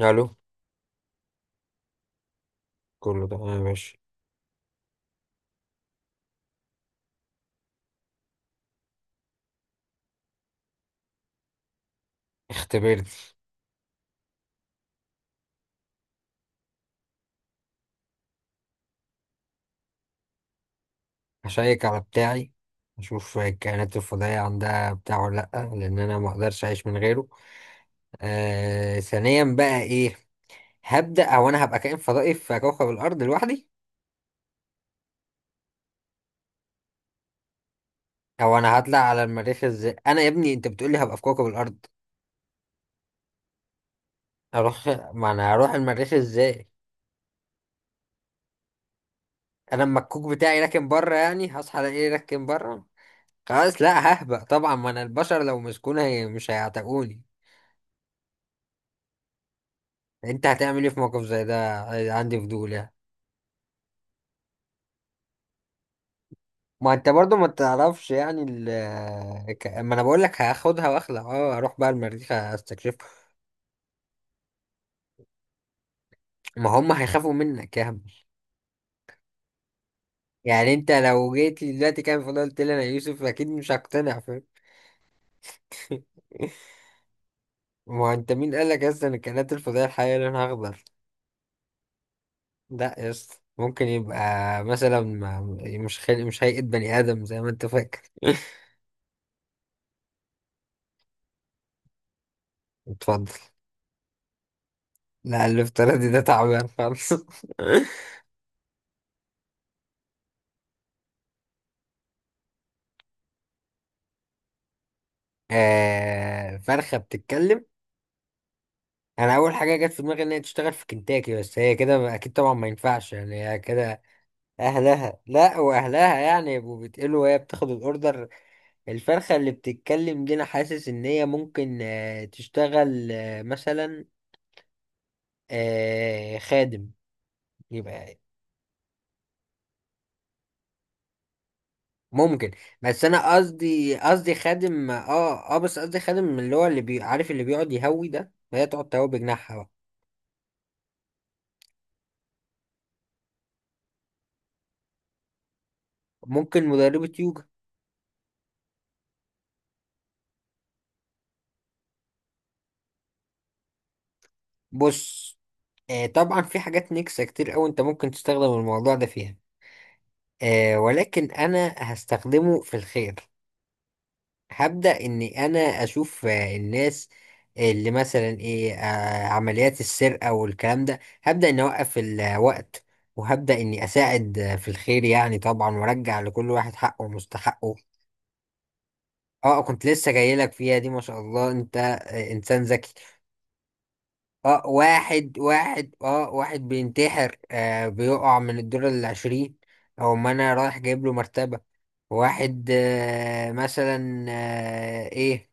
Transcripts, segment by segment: الو. كله تمام، ماشي. اختبرت. هشيك على بتاعي، اشوف الكائنات الفضائية عندها بتاع ولا لأ، لان انا ما اقدرش اعيش من غيره. ثانيا بقى ايه؟ هبدأ، او انا هبقى كائن فضائي في كوكب الارض لوحدي. او انا هطلع على المريخ ازاي؟ انا يا ابني انت بتقولي هبقى في كوكب الارض. اروح ما انا هروح المريخ ازاي؟ انا اما الكوك بتاعي راكن بره، يعني هصحى الاقيه راكن بره. خلاص لا، ههبط طبعا، ما انا البشر لو مسكوني مش هيعتقوني. انت هتعمل ايه في موقف زي ده؟ عندي فضول يعني. ما انت برضو ما تعرفش يعني ما انا بقول لك هاخدها واخلع، اه اروح بقى المريخ استكشف. ما هم هيخافوا منك يا هم؟ يعني انت لو جيت لي دلوقتي كان فضلت قلت لي انا يوسف اكيد مش هقتنع، فاهم؟ ما هو انت مين قال لك اصلا الكائنات الفضائيه الحقيقيه لونها اخضر؟ لا يا اسطى ممكن يبقى مثلا مش خلق، مش هيئه بني ادم زي ما انت فاكر. اتفضل. لا الافتراضي ده تعبان خالص. فرخة بتتكلم. انا اول حاجة جت في دماغي ان هي تشتغل في كنتاكي، بس هي كده اكيد طبعا ما ينفعش يعني هي كده. اهلها، لا واهلها يعني يبقوا بيتقلوا وهي بتاخد الاوردر. الفرخة اللي بتتكلم دي انا حاسس ان هي ممكن تشتغل مثلا خادم. يبقى ممكن. بس انا قصدي خادم، بس قصدي خادم اللي هو اللي بي عارف اللي بيقعد يهوي ده، فهي تقعد تهوي بجناحها بقى. ممكن مدربة يوجا. بص، طبعا في حاجات نكسة كتير أوي أنت ممكن تستخدم الموضوع ده فيها، ولكن أنا هستخدمه في الخير. هبدأ إني أنا أشوف الناس اللي مثلا إيه عمليات السرقة والكلام ده، هبدأ إني أوقف الوقت، وهبدأ إني أساعد في الخير يعني طبعا، وأرجع لكل واحد حقه ومستحقه. أه كنت لسه جايلك فيها دي، ما شاء الله أنت إنسان ذكي. اه واحد بينتحر، بيقع من الدور العشرين، او ما انا رايح جايب له مرتبة. واحد مثلا ايه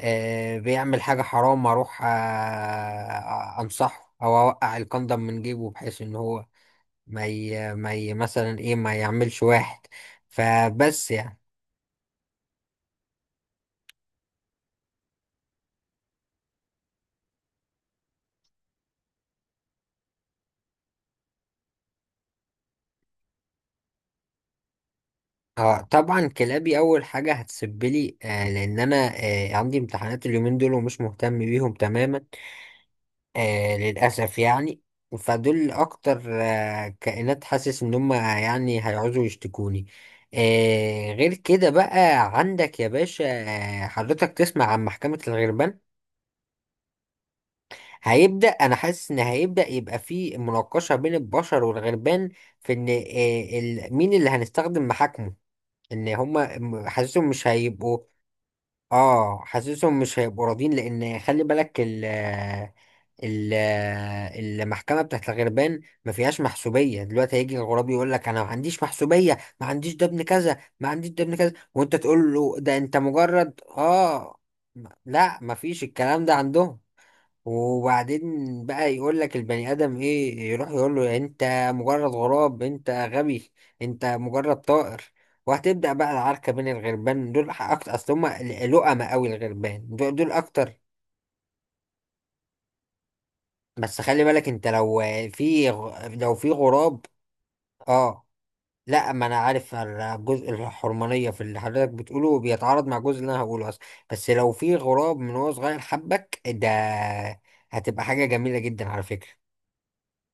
بيعمل حاجة حرام، اروح انصحه او اوقع الكندم من جيبه بحيث ان هو ما ي... ما ي... مثلا ايه ما يعملش، واحد فبس يعني. اه طبعا كلابي اول حاجة هتسبلي، لان انا عندي امتحانات اليومين دول ومش مهتم بيهم تماما، للأسف يعني. فدول أكتر كائنات حاسس إن هم يعني هيعوزوا يشتكوني. غير كده بقى، عندك يا باشا. حضرتك تسمع عن محكمة الغربان؟ هيبدأ، أنا حاسس إن هيبدأ يبقى في مناقشة بين البشر والغربان، في إن مين اللي هنستخدم محاكمه؟ إن هم حاسسهم مش هيبقوا. حاسسهم مش هيبقوا راضين، لأن خلي بالك ال- المحكمه بتاعت الغربان ما فيهاش محسوبيه. دلوقتي هيجي الغراب يقول لك انا ما عنديش محسوبيه، ما عنديش ده ابن كذا، ما عنديش ده ابن كذا، وانت تقول له ده انت مجرد اه. لا، ما فيش الكلام ده عندهم. وبعدين بقى يقول لك البني ادم ايه؟ يروح يقول له انت مجرد غراب، انت غبي، انت مجرد طائر. وهتبدأ بقى العركة بين الغربان. دول أكتر أصل هما لؤمة أوي، الغربان دول, دول أكتر. بس خلي بالك انت لو لو في غراب اه، لا ما انا عارف الجزء الحرمانية في اللي حضرتك بتقوله بيتعارض مع الجزء اللي انا هقوله اصلا. بس لو في غراب من هو صغير حبك ده هتبقى حاجة جميلة جدا على فكرة.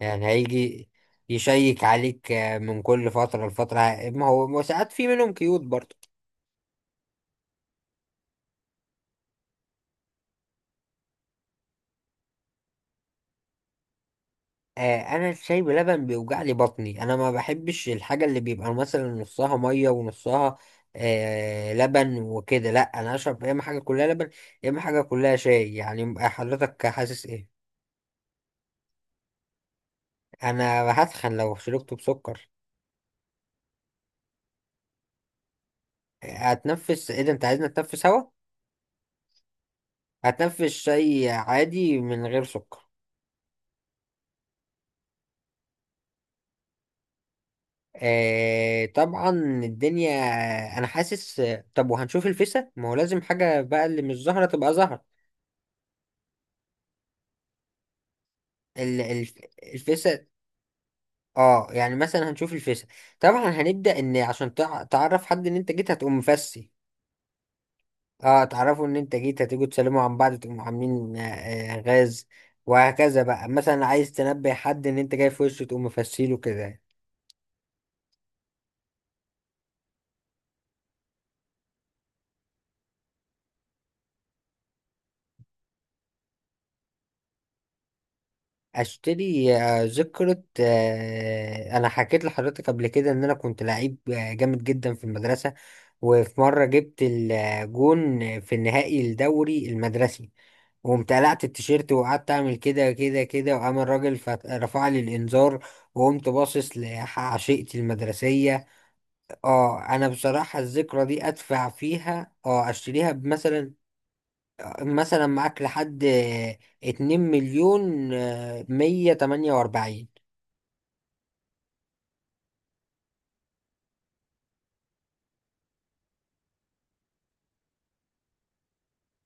يعني هيجي يشيك عليك من كل فترة لفترة. ما هو ساعات في منهم كيوت برضه. انا الشاي بلبن بيوجع لي بطني، انا ما بحبش الحاجه اللي بيبقى مثلا نصها ميه ونصها لبن وكده. لا انا اشرب يا اما حاجه كلها لبن، يا اما حاجه كلها شاي. يعني حضرتك حاسس ايه؟ انا هتخن لو شربته بسكر. هتنفس ايه؟ ده انت عايزني اتنفس هوا؟ هتنفس شاي عادي من غير سكر. طبعا الدنيا، انا حاسس، طب وهنشوف الفيسة. ما هو لازم حاجه بقى اللي مش زهره تبقى زهره. ال- الف- الفيسة. اه يعني مثلا هنشوف الفيس طبعا. هنبدأ ان عشان تعرف حد ان انت جيت هتقوم مفسي. اه تعرفوا ان انت جيت هتيجوا تسلموا عن بعض تقوموا عاملين غاز، وهكذا. بقى مثلا عايز تنبه حد ان انت جاي في وشه تقوم مفسيله كده. اشتري ذكرى. انا حكيت لحضرتك قبل كده ان انا كنت لعيب جامد جدا في المدرسة، وفي مرة جبت الجون في النهائي الدوري المدرسي، وقمت قلعت التيشيرت وقعدت اعمل كده كده كده، وقام الراجل رفع لي الانذار، وقمت باصص لعشيقتي المدرسيه. اه انا بصراحه الذكرى دي ادفع فيها، اه اشتريها بمثلا، مثلا معاك لحد اتنين مليون مية تمانية واربعين.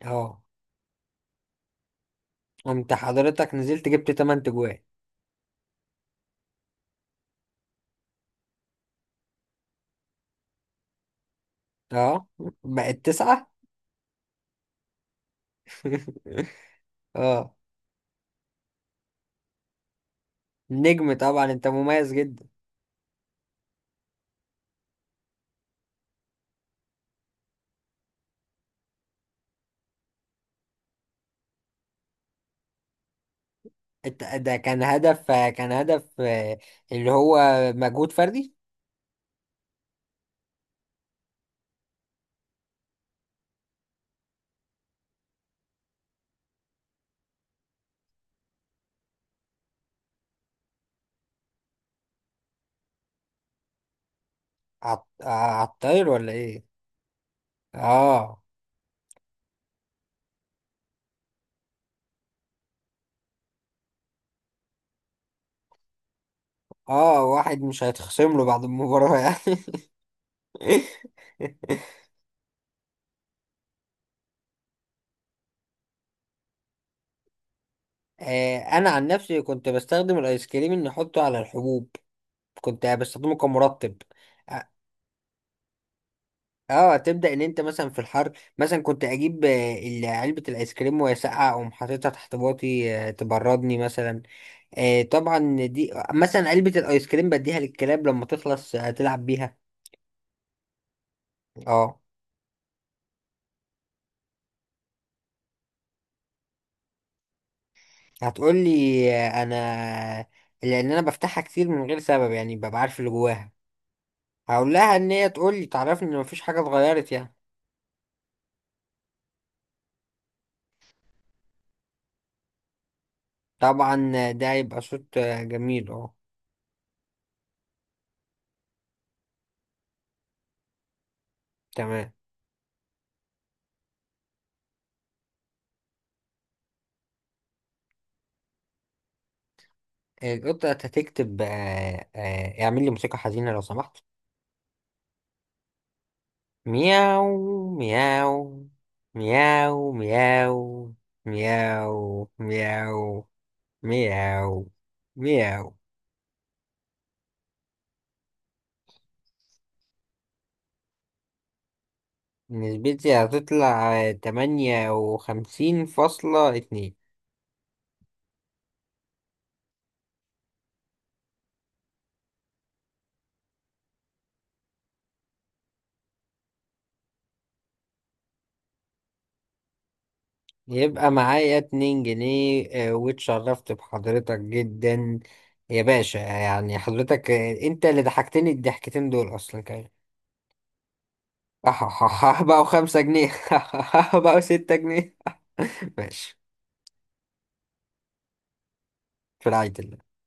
اه قمت حضرتك نزلت جبت تمن تجوان، اه بقت تسعة. اه نجم طبعا انت مميز جدا. ده كان هدف، كان هدف اللي هو مجهود فردي؟ على الطاير ولا ايه؟ اه اه واحد مش هيتخصم له بعد المباراة يعني. انا عن نفسي كنت بستخدم الايس كريم ان احطه على الحبوب، كنت بستخدمه كمرطب. اه تبدأ ان انت مثلا في الحر، مثلا كنت اجيب علبة الايس كريم وهي ساقعة، اقوم حاططها تحت باطي تبردني مثلا. طبعا دي مثلا علبة الايس كريم بديها للكلاب لما تخلص هتلعب بيها. اه هتقولي انا لان انا بفتحها كتير من غير سبب يعني، ببقى عارف اللي جواها، هقول لها ان هي تقولي تعرفني ان مفيش حاجة اتغيرت يعني. طبعا ده هيبقى صوت جميل. اه تمام. القطة هتكتب اعمل لي موسيقى حزينة لو سمحت. مياو، مياو، مياو مياو، مياو مياو، مياو، مياو. نسبتي هتطلع 58.2. يبقى معايا 2 جنيه، واتشرفت بحضرتك جدا يا باشا. يعني حضرتك انت اللي ضحكتني الضحكتين دول اصلا كمان. بقوا 5 جنيه. بقوا 6 جنيه. ماشي. في رعاية الله.